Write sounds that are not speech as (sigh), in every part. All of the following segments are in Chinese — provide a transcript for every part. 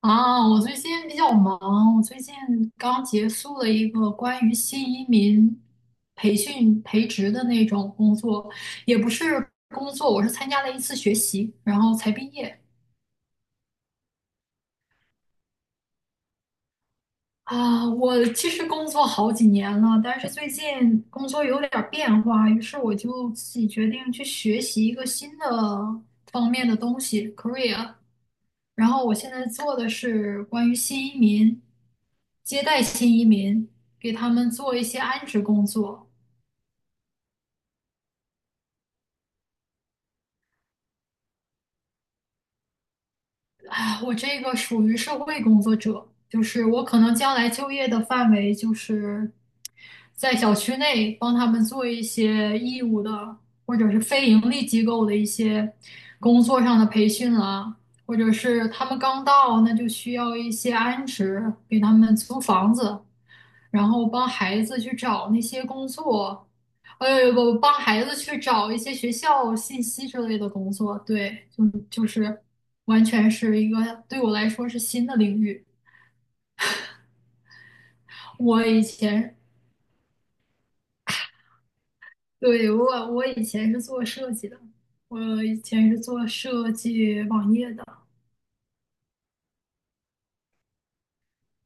啊，我最近比较忙，我最近刚结束了一个关于新移民培训培植的那种工作，也不是工作，我是参加了一次学习，然后才毕业。啊，我其实工作好几年了，但是最近工作有点儿变化，于是我就自己决定去学习一个新的方面的东西，career。然后我现在做的是关于新移民，接待新移民，给他们做一些安置工作。啊我这个属于社会工作者，就是我可能将来就业的范围就是在小区内帮他们做一些义务的，或者是非盈利机构的一些工作上的培训啊，或者是他们刚到，那就需要一些安置，给他们租房子，然后帮孩子去找那些工作，不，帮孩子去找一些学校信息之类的工作，对。完全是一个对我来说是新的领域。我以前，对，我以前是做设计的，我以前是做设计网页的。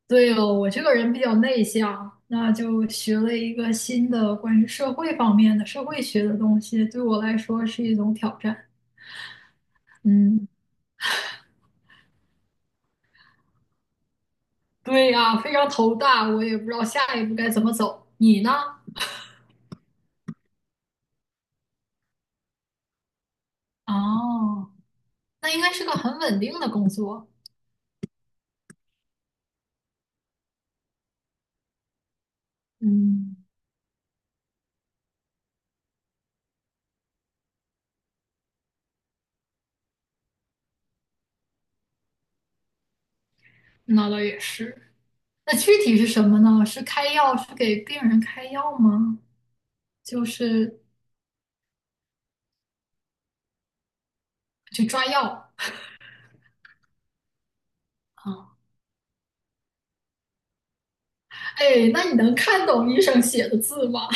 对哦，我这个人比较内向，那就学了一个新的关于社会方面的社会学的东西，对我来说是一种挑战。嗯，对呀，非常头大，我也不知道下一步该怎么走。你呢？哦，那应该是个很稳定的工作。嗯，那倒也是。那具体是什么呢？是开药，是给病人开药吗？就是去抓药啊？哎，那你能看懂医生写的字吗？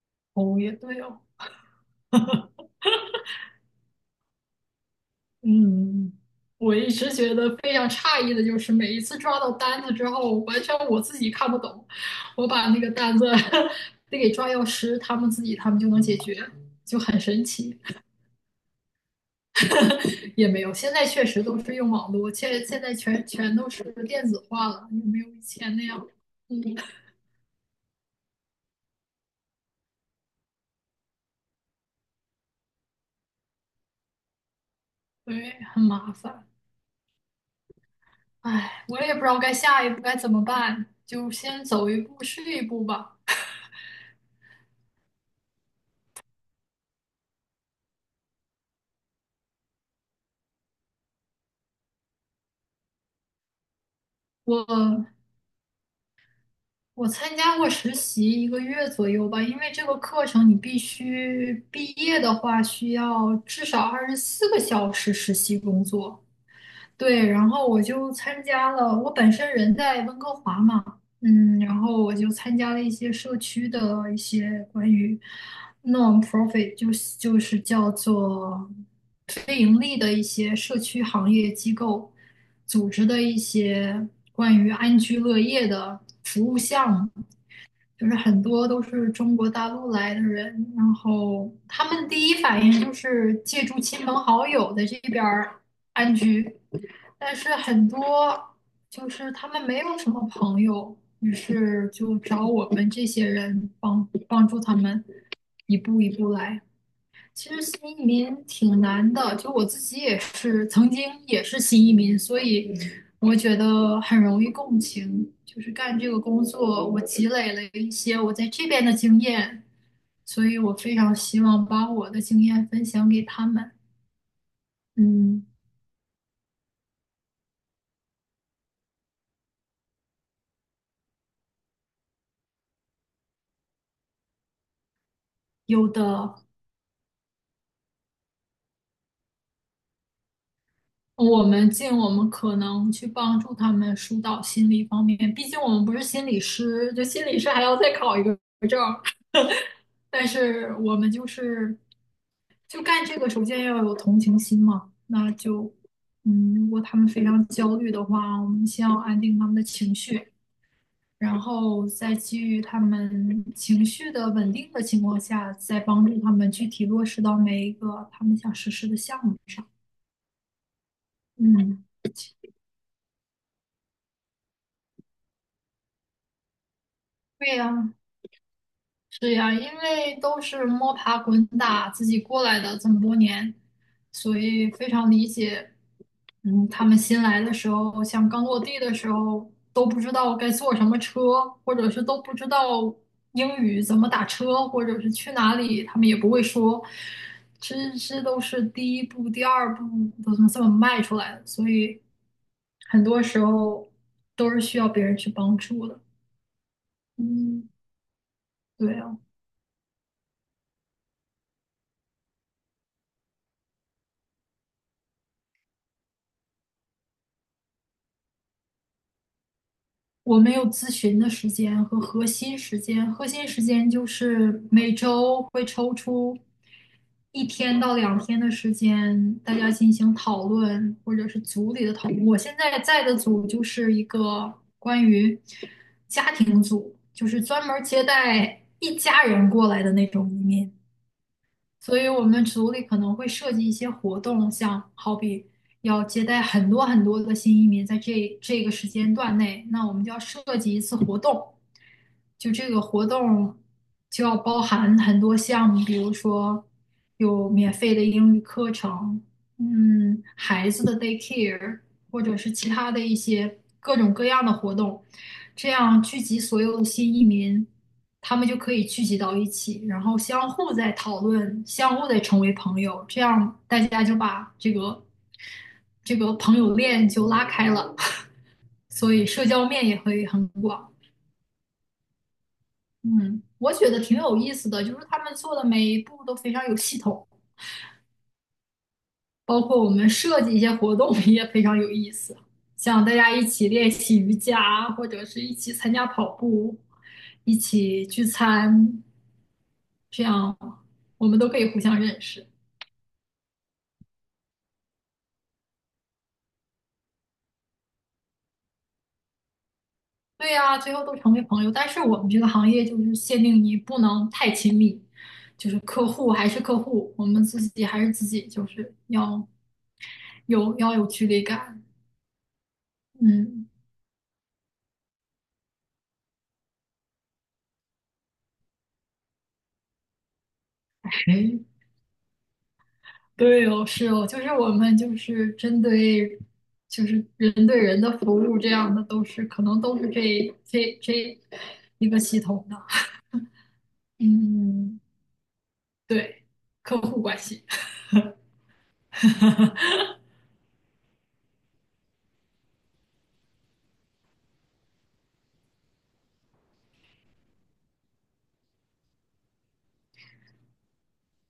(laughs) 哦，也对哦，嗯。我一直觉得非常诧异的就是，每一次抓到单子之后，完全我自己看不懂，我把那个单子 (laughs) 得给抓药师，他们自己他们就能解决，就很神奇。也没有，现在确实都是用网络，现在全都是电子化了，也没有以前那样。嗯，对，很麻烦。唉，我也不知道该下一步该怎么办，就先走一步是一步吧。我我参加过实习1个月左右吧，因为这个课程你必须毕业的话，需要至少24个小时实习工作。对，然后我就参加了，我本身人在温哥华嘛，嗯，然后我就参加了一些社区的一些关于 non-profit，就是叫做非盈利的一些社区行业机构组织的一些关于安居乐业的服务项目，就是很多都是中国大陆来的人，然后他们第一反应就是借助亲朋好友在这边儿安居。但是很多就是他们没有什么朋友，于是就找我们这些人帮助他们一步一步来。其实新移民挺难的，就我自己也是曾经也是新移民，所以我觉得很容易共情。就是干这个工作，我积累了一些我在这边的经验，所以我非常希望把我的经验分享给他们。嗯，有的我们尽我们可能去帮助他们疏导心理方面，毕竟我们不是心理师，就心理师还要再考一个证儿。(laughs) 但是我们就是就干这个，首先要有同情心嘛。那就嗯，如果他们非常焦虑的话，我们先要安定他们的情绪，然后再基于他们情绪的稳定的情况下，再帮助他们具体落实到每一个他们想实施的项目上。嗯，对呀，是呀，因为都是摸爬滚打自己过来的这么多年，所以非常理解。嗯，他们新来的时候，像刚落地的时候，都不知道该坐什么车，或者是都不知道英语怎么打车，或者是去哪里，他们也不会说。这都是第一步、第二步都这么迈出来的，所以很多时候都是需要别人去帮助的。嗯，对啊。我没有咨询的时间和核心时间，核心时间就是每周会抽出1天到2天的时间，大家进行讨论，或者是组里的讨论。我现在在的组就是一个关于家庭组，就是专门接待一家人过来的那种移民。所以我们组里可能会设计一些活动，像好比要接待很多很多的新移民，在这个时间段内，那我们就要设计一次活动，就这个活动就要包含很多项目，比如说有免费的英语课程，嗯，孩子的 daycare，或者是其他的一些各种各样的活动，这样聚集所有的新移民，他们就可以聚集到一起，然后相互在讨论，相互在成为朋友，这样大家就把这个朋友链就拉开了，(laughs) 所以社交面也会很广。嗯，我觉得挺有意思的，就是他们做的每一步都非常有系统，包括我们设计一些活动 (laughs) 也非常有意思，像大家一起练习瑜伽，或者是一起参加跑步，一起聚餐，这样我们都可以互相认识。对呀，最后都成为朋友。但是我们这个行业就是限定你不能太亲密，就是客户还是客户，我们自己还是自己，就是要要有距离感。嗯。(laughs) 对哦，是哦，就是我们就是针对就是人对人的服务这样的，都是可能都是这一个系统的。嗯，对，客户关系。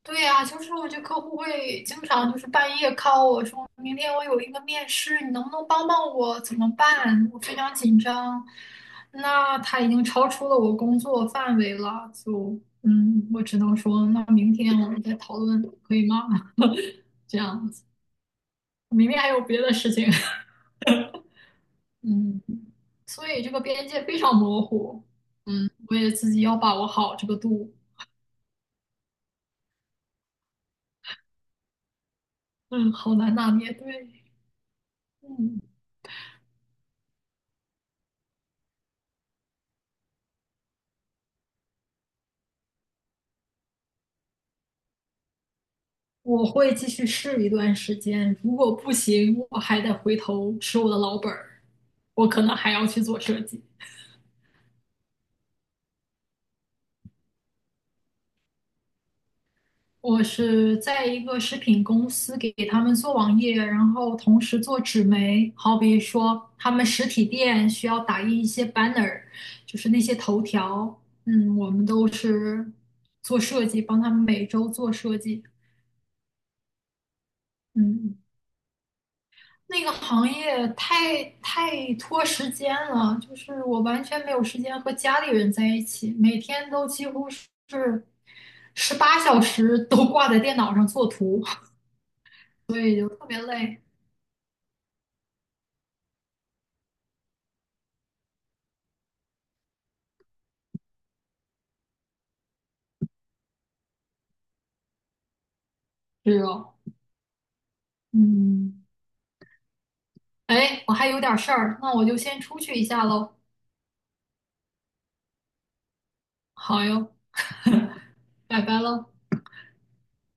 对呀，就是我觉得客户会经常就是半夜 call 我说，明天我有一个面试，你能不能帮帮我？怎么办？我非常紧张。那他已经超出了我工作范围了，就嗯，我只能说，那明天我们再讨论，可以吗？(laughs) 这样子，明天还有别的事情，(laughs) 嗯，所以这个边界非常模糊，嗯，我也自己要把握好这个度，嗯，好难拿捏，对，嗯。我会继续试一段时间，如果不行，我还得回头吃我的老本儿，我可能还要去做设计。我是在一个食品公司给他们做网页，然后同时做纸媒，好比说他们实体店需要打印一些 banner，就是那些头条，嗯，我们都是做设计，帮他们每周做设计，嗯。嗯那个行业太拖时间了，就是我完全没有时间和家里人在一起，每天都几乎是18小时都挂在电脑上做图，特别累。是哦，嗯，哎，我还有点事儿，那我就先出去一下喽。好哟，(laughs) 拜拜喽。